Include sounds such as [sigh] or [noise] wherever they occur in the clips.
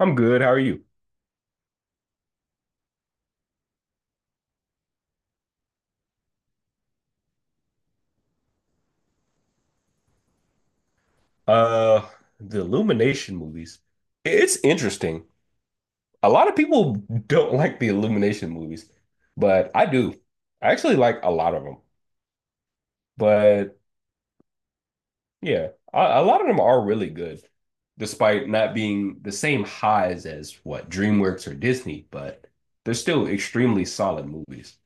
I'm good. How are you? Uh, the Illumination movies. It's interesting. A lot of people don't [laughs] like the Illumination movies, but I do. I actually like a lot of them. But yeah, a lot of them are really good, despite not being the same highs as what DreamWorks or Disney, but they're still extremely solid movies.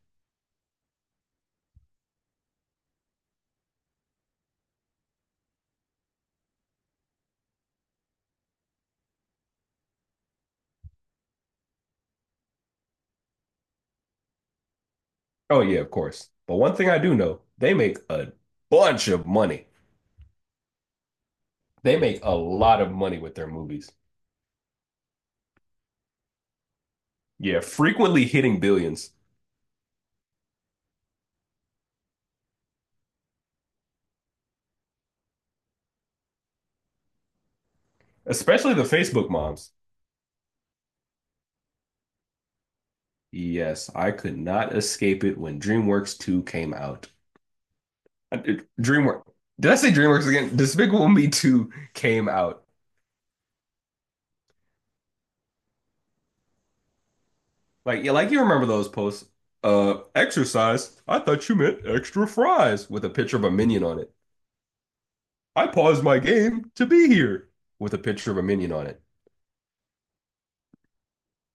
Oh yeah, of course. But one thing I do know, they make a bunch of money. They make a lot of money with their movies. Yeah, frequently hitting billions, especially the Facebook moms. Yes, I could not escape it when DreamWorks 2 came out. DreamWorks. Did I say DreamWorks again? Despicable Me 2 came out. Like, yeah, like you remember those posts. Exercise. I thought you meant extra fries with a picture of a minion on it. I paused my game to be here with a picture of a minion on it.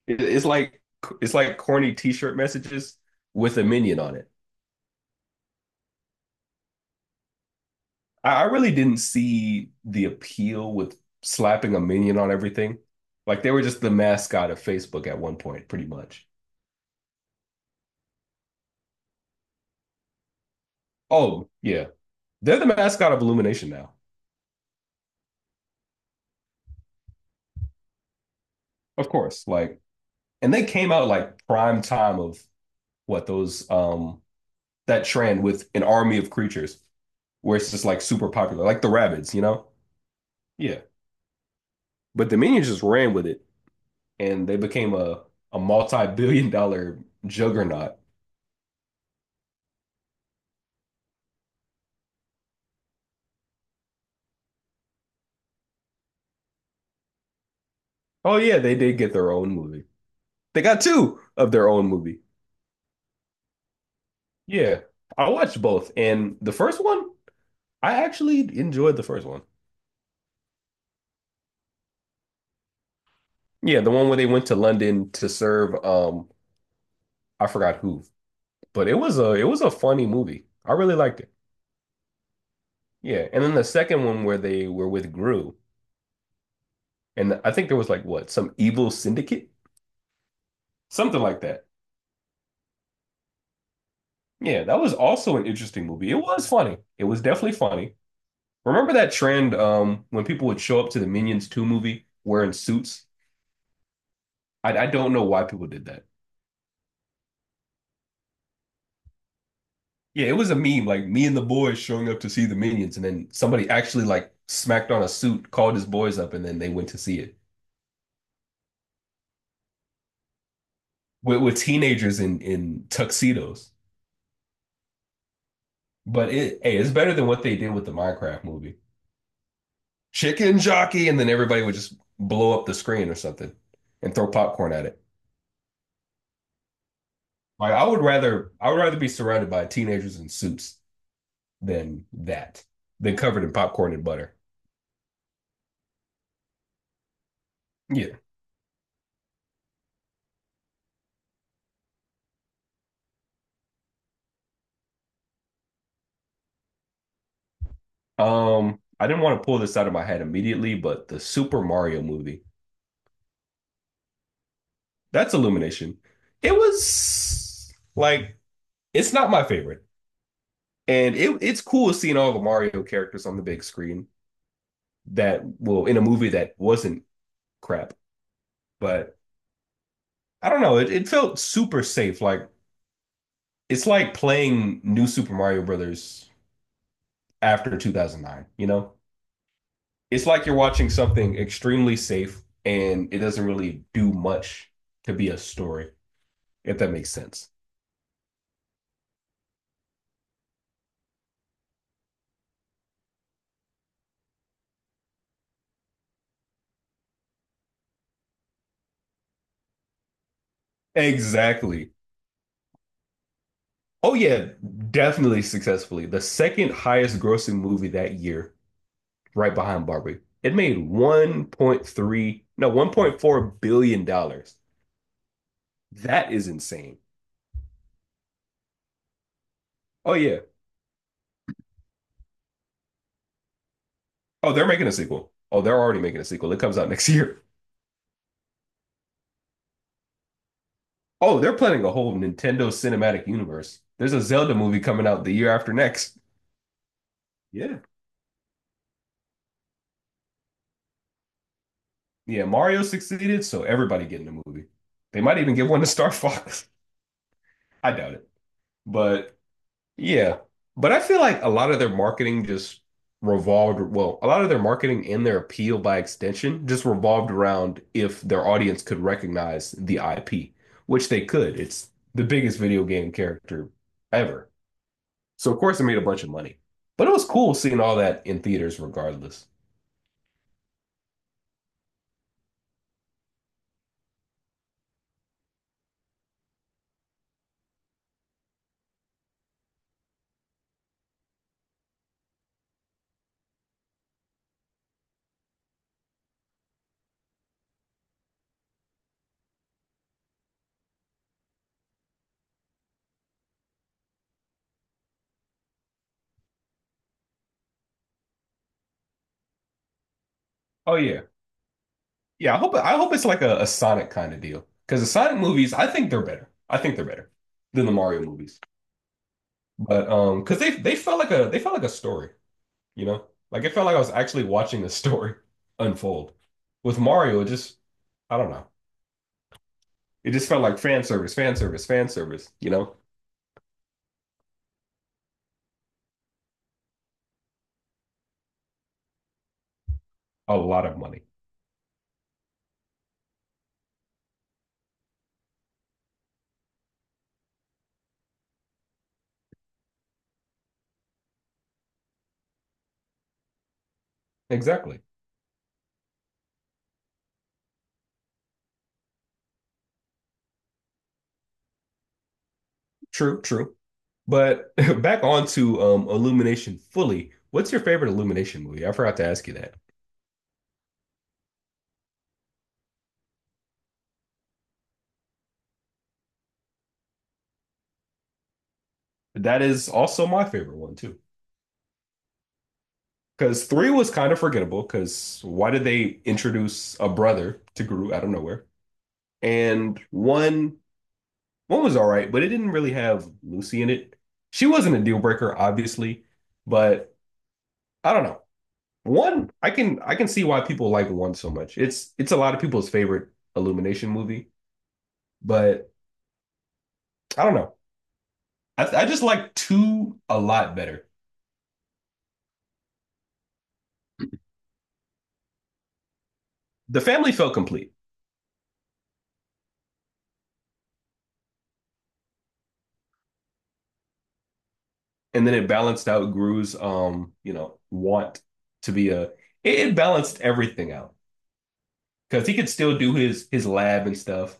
It's like it's like corny t-shirt messages with a minion on it. I really didn't see the appeal with slapping a minion on everything. Like they were just the mascot of Facebook at one point, pretty much. Oh, yeah. They're the mascot of Illumination now. Of course. Like, and they came out like prime time of what those that trend with an army of creatures where it's just like super popular, like the rabbits, you know? Yeah. But the minions just ran with it and they became a multi-billion dollar juggernaut. Oh yeah, they did get their own movie. They got two of their own movie. Yeah, I watched both, and the first one I actually enjoyed the first one. Yeah, the one where they went to London to serve, I forgot who, but it was a funny movie. I really liked it. Yeah, and then the second one where they were with Gru, and I think there was like, what, some evil syndicate, something like that. Yeah, that was also an interesting movie. It was funny. It was definitely funny. Remember that trend when people would show up to the Minions 2 movie wearing suits? I don't know why people did that. Yeah, it was a meme, like me and the boys showing up to see the Minions, and then somebody actually like smacked on a suit, called his boys up, and then they went to see it with teenagers in tuxedos. But it, hey, it's better than what they did with the Minecraft movie. Chicken jockey, and then everybody would just blow up the screen or something and throw popcorn at it. Like I would rather be surrounded by teenagers in suits than that, than covered in popcorn and butter. Yeah. I didn't want to pull this out of my head immediately, but the Super Mario movie, that's Illumination. It was like, it's not my favorite. And it it's cool seeing all the Mario characters on the big screen that well in a movie that wasn't crap. But I don't know, it felt super safe. Like it's like playing New Super Mario Brothers after 2009, you know? It's like you're watching something extremely safe and it doesn't really do much to be a story, if that makes sense. Exactly. Oh yeah, definitely successfully. The second highest grossing movie that year, right behind Barbie. It made 1.3, no, 1.4 billion dollars. That is insane. Oh yeah. Oh, they're making a sequel. Oh, they're already making a sequel. It comes out next [laughs] year. Oh, they're planning a whole Nintendo cinematic universe. There's a Zelda movie coming out the year after next. Yeah. Yeah, Mario succeeded, so everybody getting a movie. They might even give one to Star Fox. [laughs] I doubt it. But yeah. But I feel like a lot of their marketing just revolved, well, a lot of their marketing and their appeal by extension just revolved around if their audience could recognize the IP, which they could. It's the biggest video game character ever. So of course it made a bunch of money. But it was cool seeing all that in theaters regardless. Oh yeah. Yeah, I hope I hope it's like a Sonic kind of deal. Because the Sonic movies, I think they're better. I think they're better than the Mario movies. But because they felt like a story, you know? Like it felt like I was actually watching a [laughs] story unfold. With Mario, it just, I don't know. It just felt like fan service, fan service, fan service, you know? A lot of money. Exactly. True, true. But [laughs] back on to Illumination fully. What's your favorite Illumination movie? I forgot to ask you that. That is also my favorite one too. Because three was kind of forgettable. Because why did they introduce a brother to Gru out of nowhere? And one, one was all right, but it didn't really have Lucy in it. She wasn't a deal breaker, obviously, but I don't know. One, I can see why people like one so much. It's a lot of people's favorite Illumination movie, but I don't know. I just like two a lot better. The family felt complete, and then it balanced out Gru's you know, want to be a. It balanced everything out because he could still do his lab and stuff,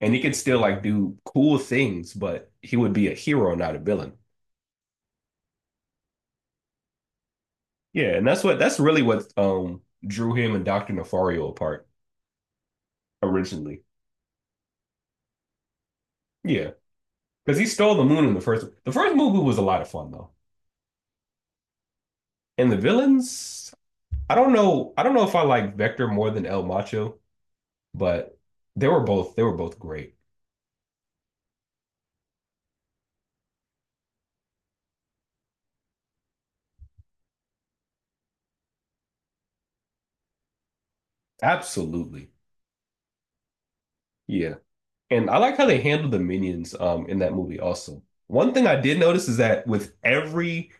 and he could still like do cool things, but he would be a hero, not a villain. Yeah, and that's what that's really what drew him and Doctor Nefario apart originally. Yeah, because he stole the moon in the first. The first movie was a lot of fun though, and the villains, I don't know. I don't know if I like Vector more than El Macho, but they were both great. Absolutely. Yeah. And I like how they handled the minions in that movie also. One thing I did notice is that with every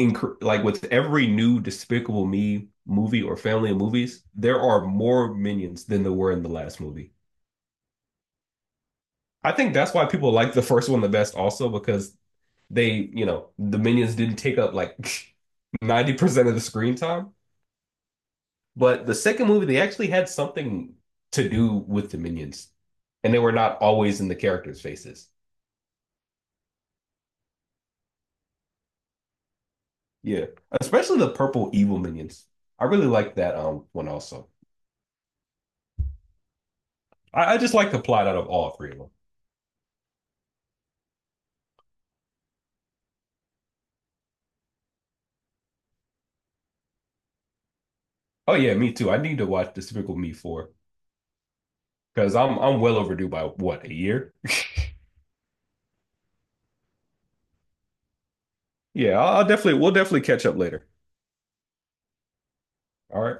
like with every new Despicable Me movie or family of movies, there are more minions than there were in the last movie. I think that's why people like the first one the best also because they, you know, the minions didn't take up like [laughs] 90% of the screen time. But the second movie, they actually had something to do with the minions, and they were not always in the characters' faces. Yeah, especially the purple evil minions. I really like that one also. I just like the plot out of all three of them. Oh yeah, me too. I need to watch Despicable Me 4 because I'm well overdue by, what, a year. Yeah, I'll definitely we'll definitely catch up later. All right.